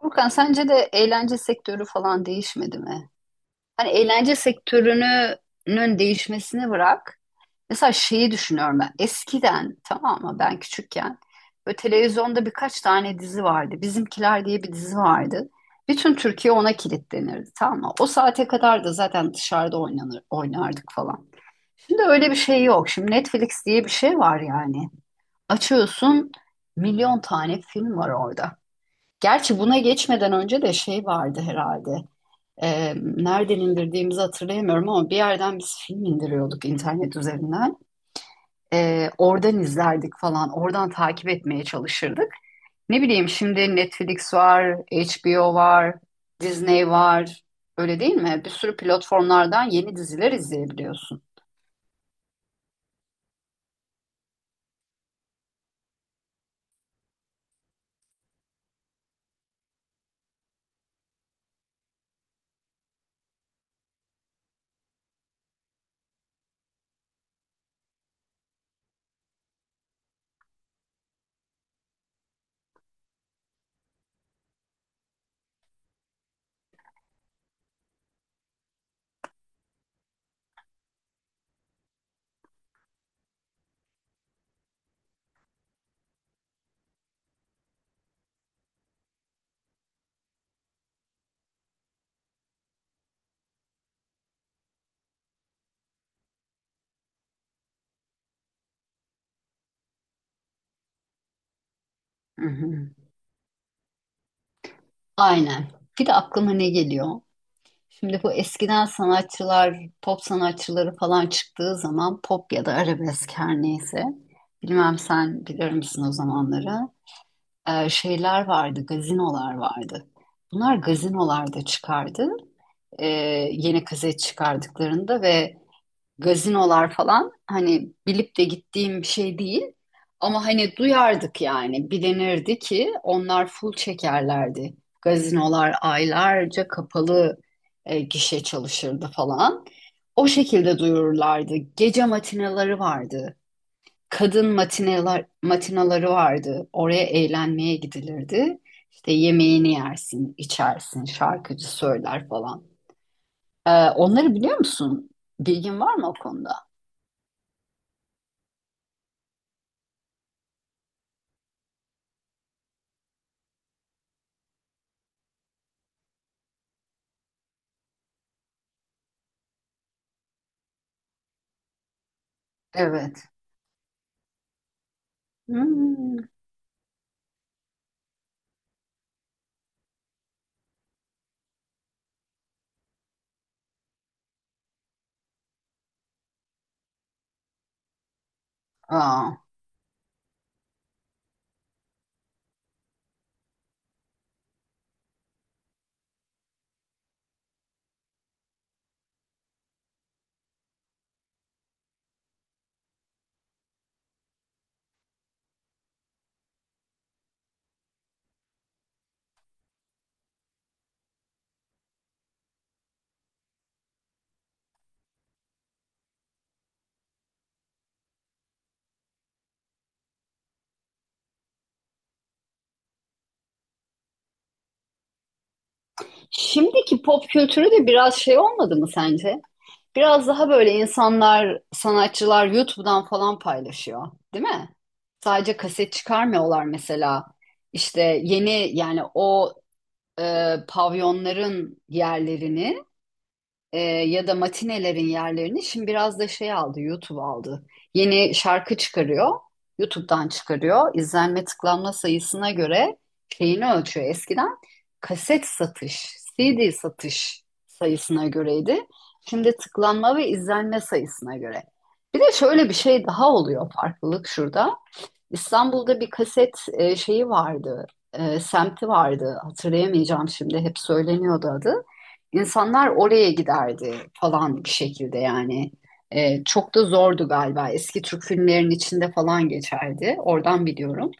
Furkan sence de eğlence sektörü falan değişmedi mi? Hani eğlence sektörünün değişmesini bırak. Mesela şeyi düşünüyorum ben. Eskiden tamam mı ben küçükken böyle televizyonda birkaç tane dizi vardı. Bizimkiler diye bir dizi vardı. Bütün Türkiye ona kilitlenirdi tamam mı? O saate kadar da zaten dışarıda oynanır, oynardık falan. Şimdi öyle bir şey yok. Şimdi Netflix diye bir şey var yani. Açıyorsun milyon tane film var orada. Gerçi buna geçmeden önce de şey vardı herhalde. Nereden indirdiğimizi hatırlayamıyorum ama bir yerden biz film indiriyorduk internet üzerinden. Oradan izlerdik falan. Oradan takip etmeye çalışırdık. Ne bileyim şimdi Netflix var, HBO var, Disney var. Öyle değil mi? Bir sürü platformlardan yeni diziler izleyebiliyorsun. Hı hı. Aynen. Bir de aklıma ne geliyor? Şimdi bu eskiden sanatçılar, pop sanatçıları falan çıktığı zaman pop ya da arabesk her neyse. Bilmem sen bilir misin o zamanları? Şeyler vardı, gazinolar vardı. Bunlar gazinolarda çıkardı. Ee, Yeni kaset çıkardıklarında ve gazinolar falan hani bilip de gittiğim bir şey değil. Ama hani duyardık yani bilinirdi ki onlar full çekerlerdi. Gazinolar aylarca kapalı gişe çalışırdı falan. O şekilde duyururlardı. Gece matinaları vardı. Kadın matineler, matinaları vardı. Oraya eğlenmeye gidilirdi. İşte yemeğini yersin, içersin, şarkıcı söyler falan. Onları biliyor musun? Bilgin var mı o konuda? Evet. Hmm. Aa. Şimdiki pop kültürü de biraz şey olmadı mı sence? Biraz daha böyle insanlar, sanatçılar YouTube'dan falan paylaşıyor, değil mi? Sadece kaset çıkarmıyorlar mesela. İşte yeni yani o pavyonların yerlerini ya da matinelerin yerlerini şimdi biraz da şey aldı, YouTube aldı. Yeni şarkı çıkarıyor, YouTube'dan çıkarıyor. İzlenme tıklanma sayısına göre şeyini ölçüyor. Eskiden kaset satış, CD satış sayısına göreydi. Şimdi tıklanma ve izlenme sayısına göre. Bir de şöyle bir şey daha oluyor farklılık şurada. İstanbul'da bir kaset şeyi vardı, semti vardı. Hatırlayamayacağım şimdi, hep söyleniyordu adı. İnsanlar oraya giderdi falan bir şekilde yani. Çok da zordu galiba. Eski Türk filmlerinin içinde falan geçerdi. Oradan biliyorum.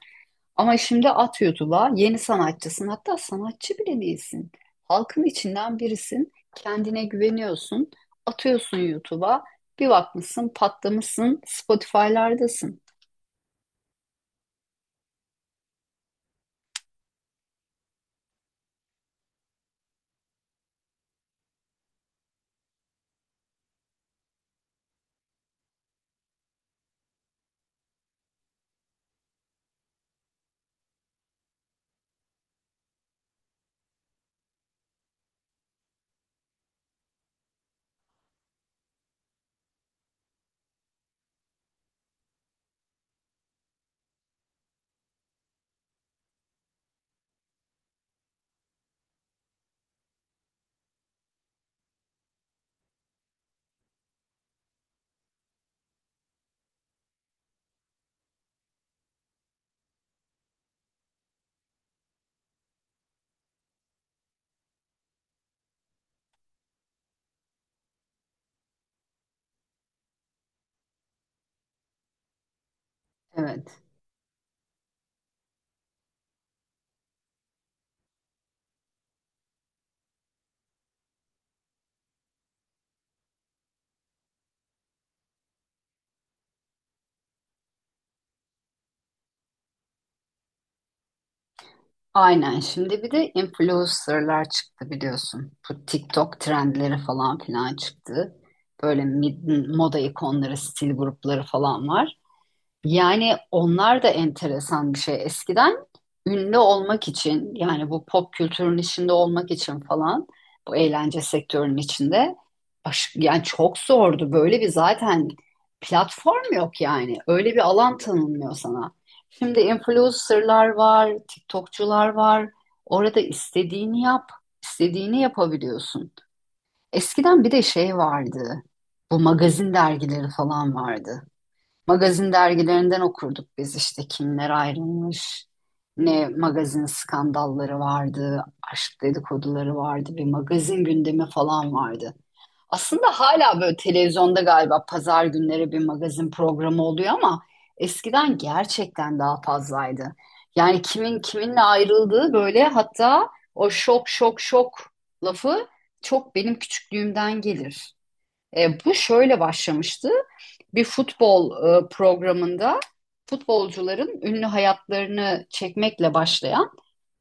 Ama şimdi at YouTube'a yeni sanatçısın. Hatta sanatçı bile değilsin. Halkın içinden birisin. Kendine güveniyorsun. Atıyorsun YouTube'a. Bir bakmışsın patlamışsın. Spotify'lardasın. Evet. Aynen. Şimdi bir de influencerlar çıktı biliyorsun. Bu TikTok trendleri falan filan çıktı. Böyle moda ikonları, stil grupları falan var. Yani onlar da enteresan bir şey. Eskiden ünlü olmak için yani bu pop kültürün içinde olmak için falan bu eğlence sektörünün içinde yani çok zordu. Böyle bir zaten platform yok yani. Öyle bir alan tanınmıyor sana. Şimdi influencerlar var, TikTokçular var. Orada istediğini yap, istediğini yapabiliyorsun. Eskiden bir de şey vardı. Bu magazin dergileri falan vardı. Magazin dergilerinden okurduk biz işte kimler ayrılmış, ne magazin skandalları vardı, aşk dedikoduları vardı, bir magazin gündemi falan vardı. Aslında hala böyle televizyonda galiba pazar günleri bir magazin programı oluyor ama eskiden gerçekten daha fazlaydı. Yani kimin kiminle ayrıldığı böyle hatta o şok şok şok lafı çok benim küçüklüğümden gelir. Bu şöyle başlamıştı bir futbol programında futbolcuların ünlü hayatlarını çekmekle başlayan,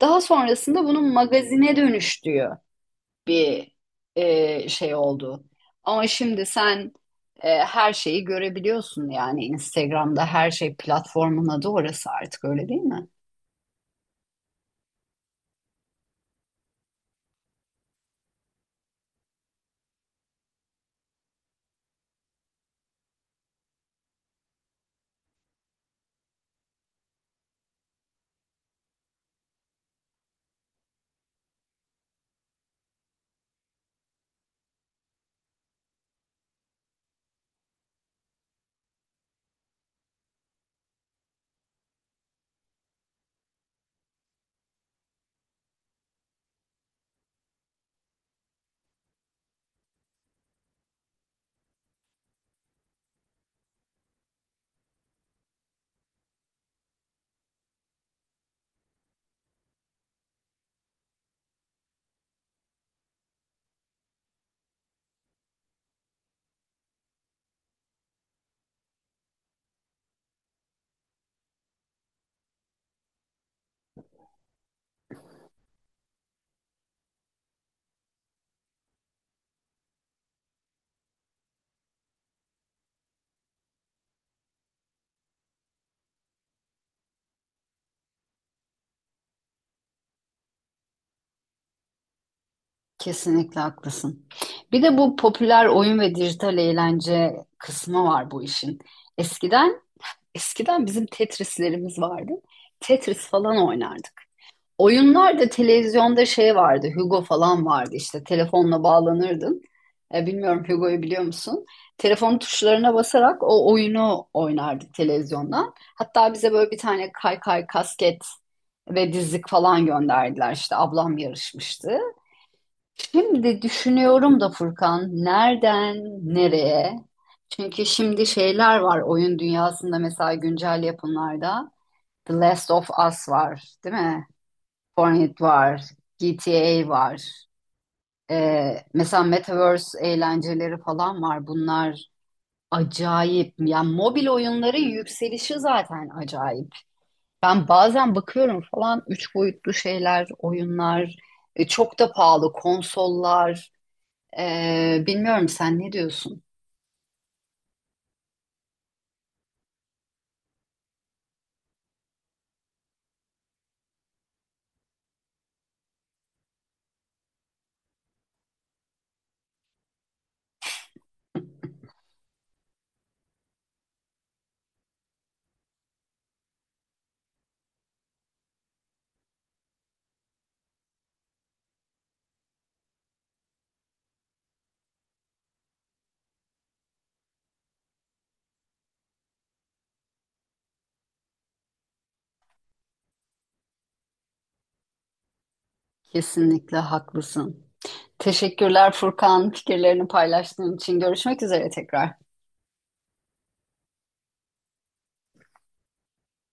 daha sonrasında bunun magazine dönüştüğü bir şey oldu. Ama şimdi sen her şeyi görebiliyorsun yani Instagram'da her şey platformun adı orası artık öyle değil mi? Kesinlikle haklısın. Bir de bu popüler oyun ve dijital eğlence kısmı var bu işin. Eskiden Eskiden bizim Tetris'lerimiz vardı. Tetris falan oynardık. Oyunlarda televizyonda şey vardı, Hugo falan vardı işte telefonla bağlanırdın. Bilmiyorum Hugo'yu biliyor musun? Telefon tuşlarına basarak o oyunu oynardık televizyondan. Hatta bize böyle bir tane kaykay, kasket ve dizlik falan gönderdiler. İşte ablam yarışmıştı. Şimdi düşünüyorum da Furkan, nereye? Çünkü şimdi şeyler var oyun dünyasında mesela güncel yapımlarda. The Last of Us var, değil mi? Fortnite var, GTA var. Mesela Metaverse eğlenceleri falan var. Bunlar acayip. Yani mobil oyunların yükselişi zaten acayip. Ben bazen bakıyorum falan üç boyutlu şeyler, oyunlar, çok da pahalı konsollar. Bilmiyorum sen ne diyorsun? Kesinlikle haklısın. Teşekkürler Furkan, fikirlerini paylaştığın için. Görüşmek üzere tekrar.